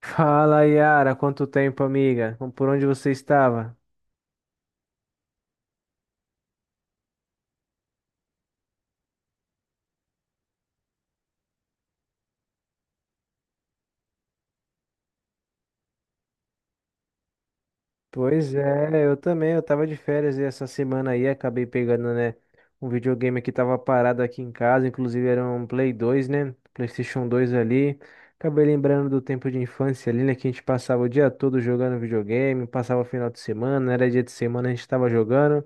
Fala, Yara, quanto tempo, amiga? Por onde você estava? Pois é, eu também, eu tava de férias e essa semana aí acabei pegando, né, um videogame que tava parado aqui em casa, inclusive era um Play 2 né, PlayStation dois ali. Acabei lembrando do tempo de infância ali, né, que a gente passava o dia todo jogando videogame, passava o final de semana, era dia de semana, a gente tava jogando.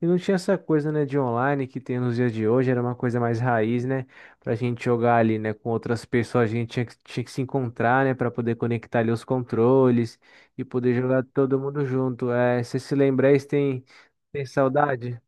E não tinha essa coisa, né, de online que tem nos dias de hoje, era uma coisa mais raiz, né, pra gente jogar ali, né, com outras pessoas, a gente tinha que se encontrar, né, pra poder conectar ali os controles e poder jogar todo mundo junto. É, se se lembrar, isso tem saudade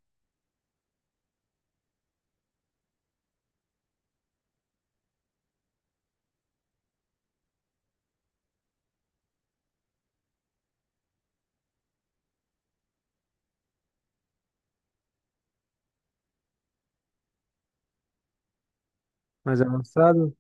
mais avançado?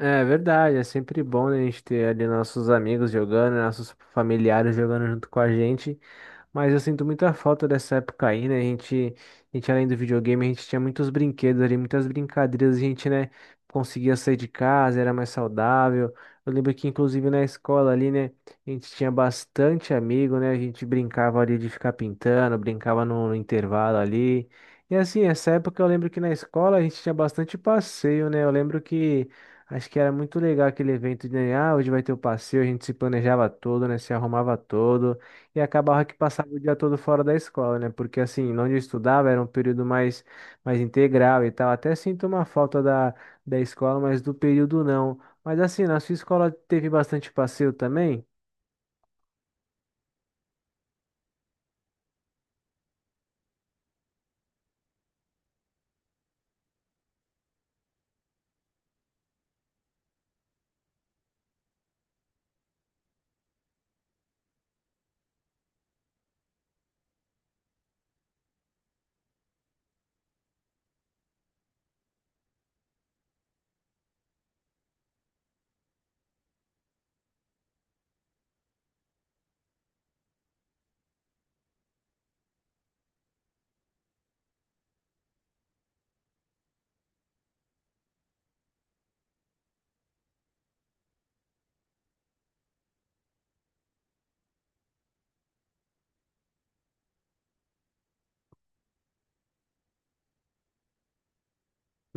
É verdade, é sempre bom né, a gente ter ali nossos amigos jogando, nossos familiares jogando junto com a gente. Mas eu sinto muita falta dessa época aí, né? A gente, além do videogame, a gente tinha muitos brinquedos ali, muitas brincadeiras, a gente, né, conseguia sair de casa, era mais saudável. Eu lembro que, inclusive, na escola ali, né, a gente tinha bastante amigo, né? A gente brincava ali de ficar pintando, brincava no intervalo ali. E assim, essa época eu lembro que na escola a gente tinha bastante passeio, né? Eu lembro que acho que era muito legal aquele evento de, né, ah, hoje vai ter o passeio, a gente se planejava todo, né? Se arrumava todo e acabava que passava o dia todo fora da escola, né? Porque assim, onde eu estudava era um período mais integral e tal. Até sinto uma falta da escola, mas do período não. Mas assim, na sua escola teve bastante passeio também?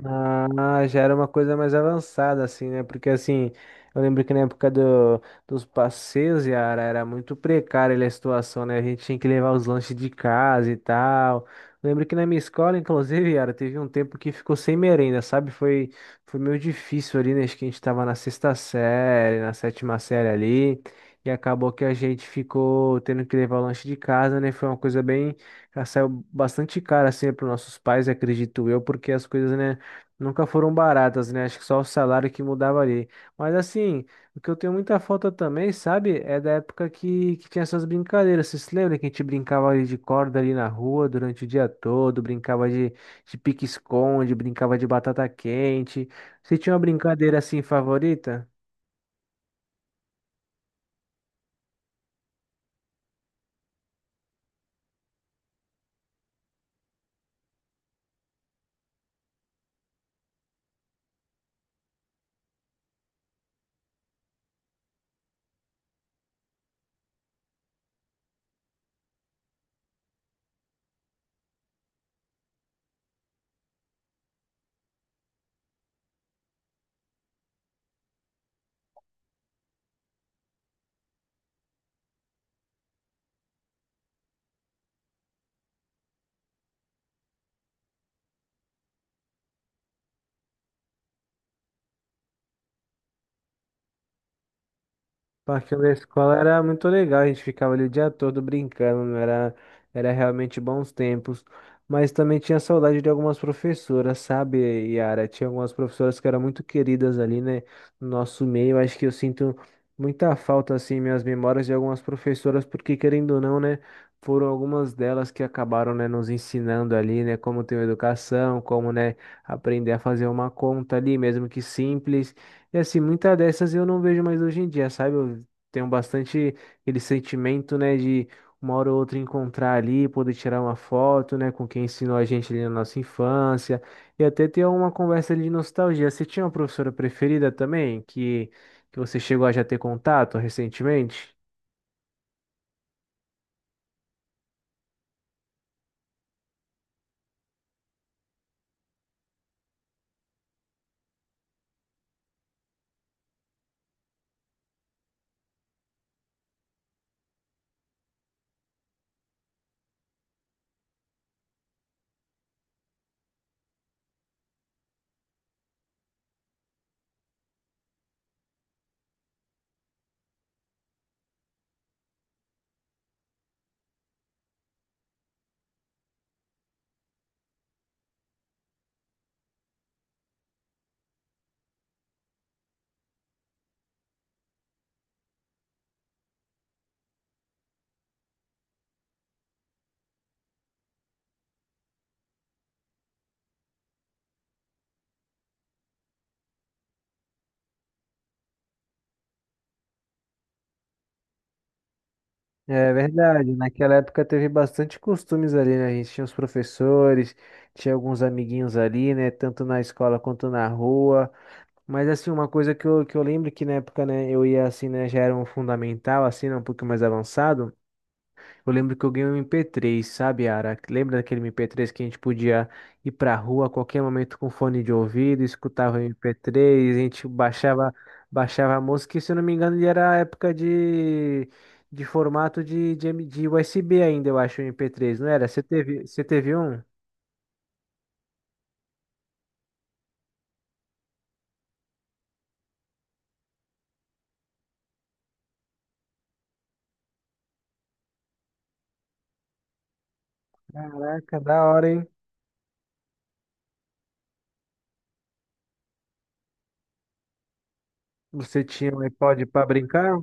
Ah, já era uma coisa mais avançada, assim, né? Porque, assim, eu lembro que na época dos passeios, Yara, era muito precária ali a situação, né? A gente tinha que levar os lanches de casa e tal. Lembro que na minha escola, inclusive, Yara, teve um tempo que ficou sem merenda, sabe? Foi meio difícil ali, né? Acho que a gente tava na sexta série, na sétima série ali. E acabou que a gente ficou tendo que levar o lanche de casa, né? Foi uma coisa bem. Já saiu bastante cara assim para nossos pais, acredito eu, porque as coisas, né? Nunca foram baratas, né? Acho que só o salário que mudava ali. Mas assim, o que eu tenho muita falta também, sabe? É da época que tinha essas brincadeiras. Vocês se lembram que a gente brincava ali de corda ali na rua durante o dia todo? Brincava de pique-esconde, brincava de batata quente. Você tinha uma brincadeira assim favorita? Parque da escola era muito legal, a gente ficava ali o dia todo brincando, né? Era, era realmente bons tempos. Mas também tinha saudade de algumas professoras, sabe, Yara? Tinha algumas professoras que eram muito queridas ali, né, no nosso meio. Acho que eu sinto muita falta, assim, em minhas memórias de algumas professoras, porque querendo ou não, né, foram algumas delas que acabaram, né, nos ensinando ali, né, como ter uma educação, como, né, aprender a fazer uma conta ali, mesmo que simples. E assim, muitas dessas eu não vejo mais hoje em dia, sabe? Eu tenho bastante aquele sentimento, né, de uma hora ou outra encontrar ali, poder tirar uma foto, né, com quem ensinou a gente ali na nossa infância, e até ter uma conversa ali de nostalgia. Você tinha uma professora preferida também, que você chegou a já ter contato recentemente? É verdade, naquela época teve bastante costumes ali, né? A gente tinha os professores, tinha alguns amiguinhos ali, né? Tanto na escola quanto na rua. Mas assim, uma coisa que eu lembro que na época, né, eu ia assim, né, já era um fundamental, assim, né, um pouquinho mais avançado. Eu lembro que eu ganhei um MP3, sabe, Ara? Lembra daquele MP3 que a gente podia ir pra rua a qualquer momento com fone de ouvido, escutava o MP3, a gente baixava, baixava a música, e se eu não me engano, ele era a época de formato de USB ainda, eu acho, o MP3, não era? Você teve um? Caraca, da hora, hein? Você tinha um iPod pra brincar?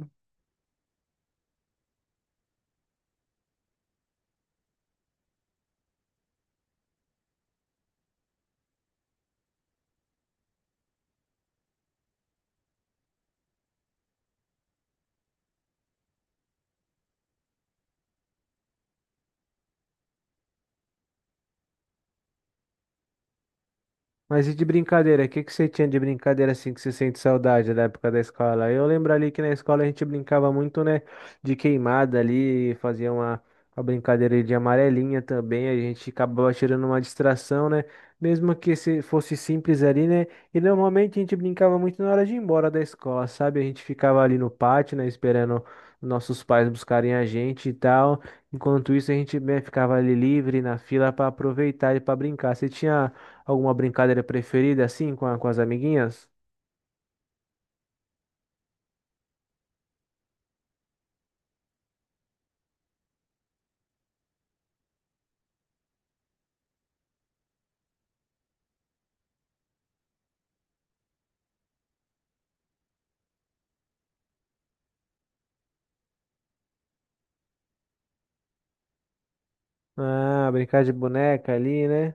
Mas e de brincadeira? O que que você tinha de brincadeira assim que você sente saudade da época da escola? Eu lembro ali que na escola a gente brincava muito, né? De queimada ali, fazia uma brincadeira de amarelinha também. A gente acabava tirando uma distração, né? Mesmo que se fosse simples ali, né? E normalmente a gente brincava muito na hora de ir embora da escola, sabe? A gente ficava ali no pátio, né? Esperando nossos pais buscarem a gente e tal. Enquanto isso, a gente, né, ficava ali livre na fila para aproveitar e para brincar. Você tinha. Alguma brincadeira preferida assim com, com as amiguinhas? Ah, brincar de boneca ali, né?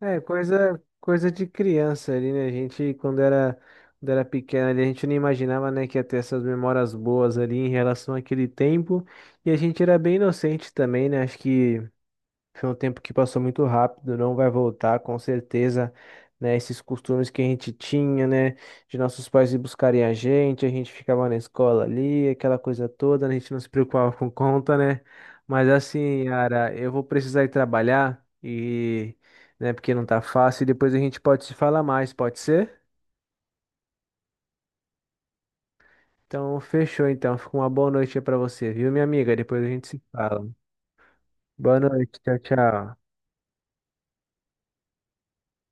É, coisa de criança ali, né? A gente, quando era pequena ali, a gente não imaginava, né, que ia ter essas memórias boas ali em relação àquele tempo. E a gente era bem inocente também, né? Acho que foi um tempo que passou muito rápido, não vai voltar, com certeza, né? Esses costumes que a gente tinha, né? De nossos pais ir buscarem a gente ficava na escola ali, aquela coisa toda, né, a gente não se preocupava com conta, né? Mas assim, Ara, eu vou precisar ir trabalhar e, né, porque não tá fácil, e depois a gente pode se falar mais, pode ser? Então, fechou então. Fica uma boa noite aí pra você, viu, minha amiga? Depois a gente se fala. Boa noite, tchau, tchau.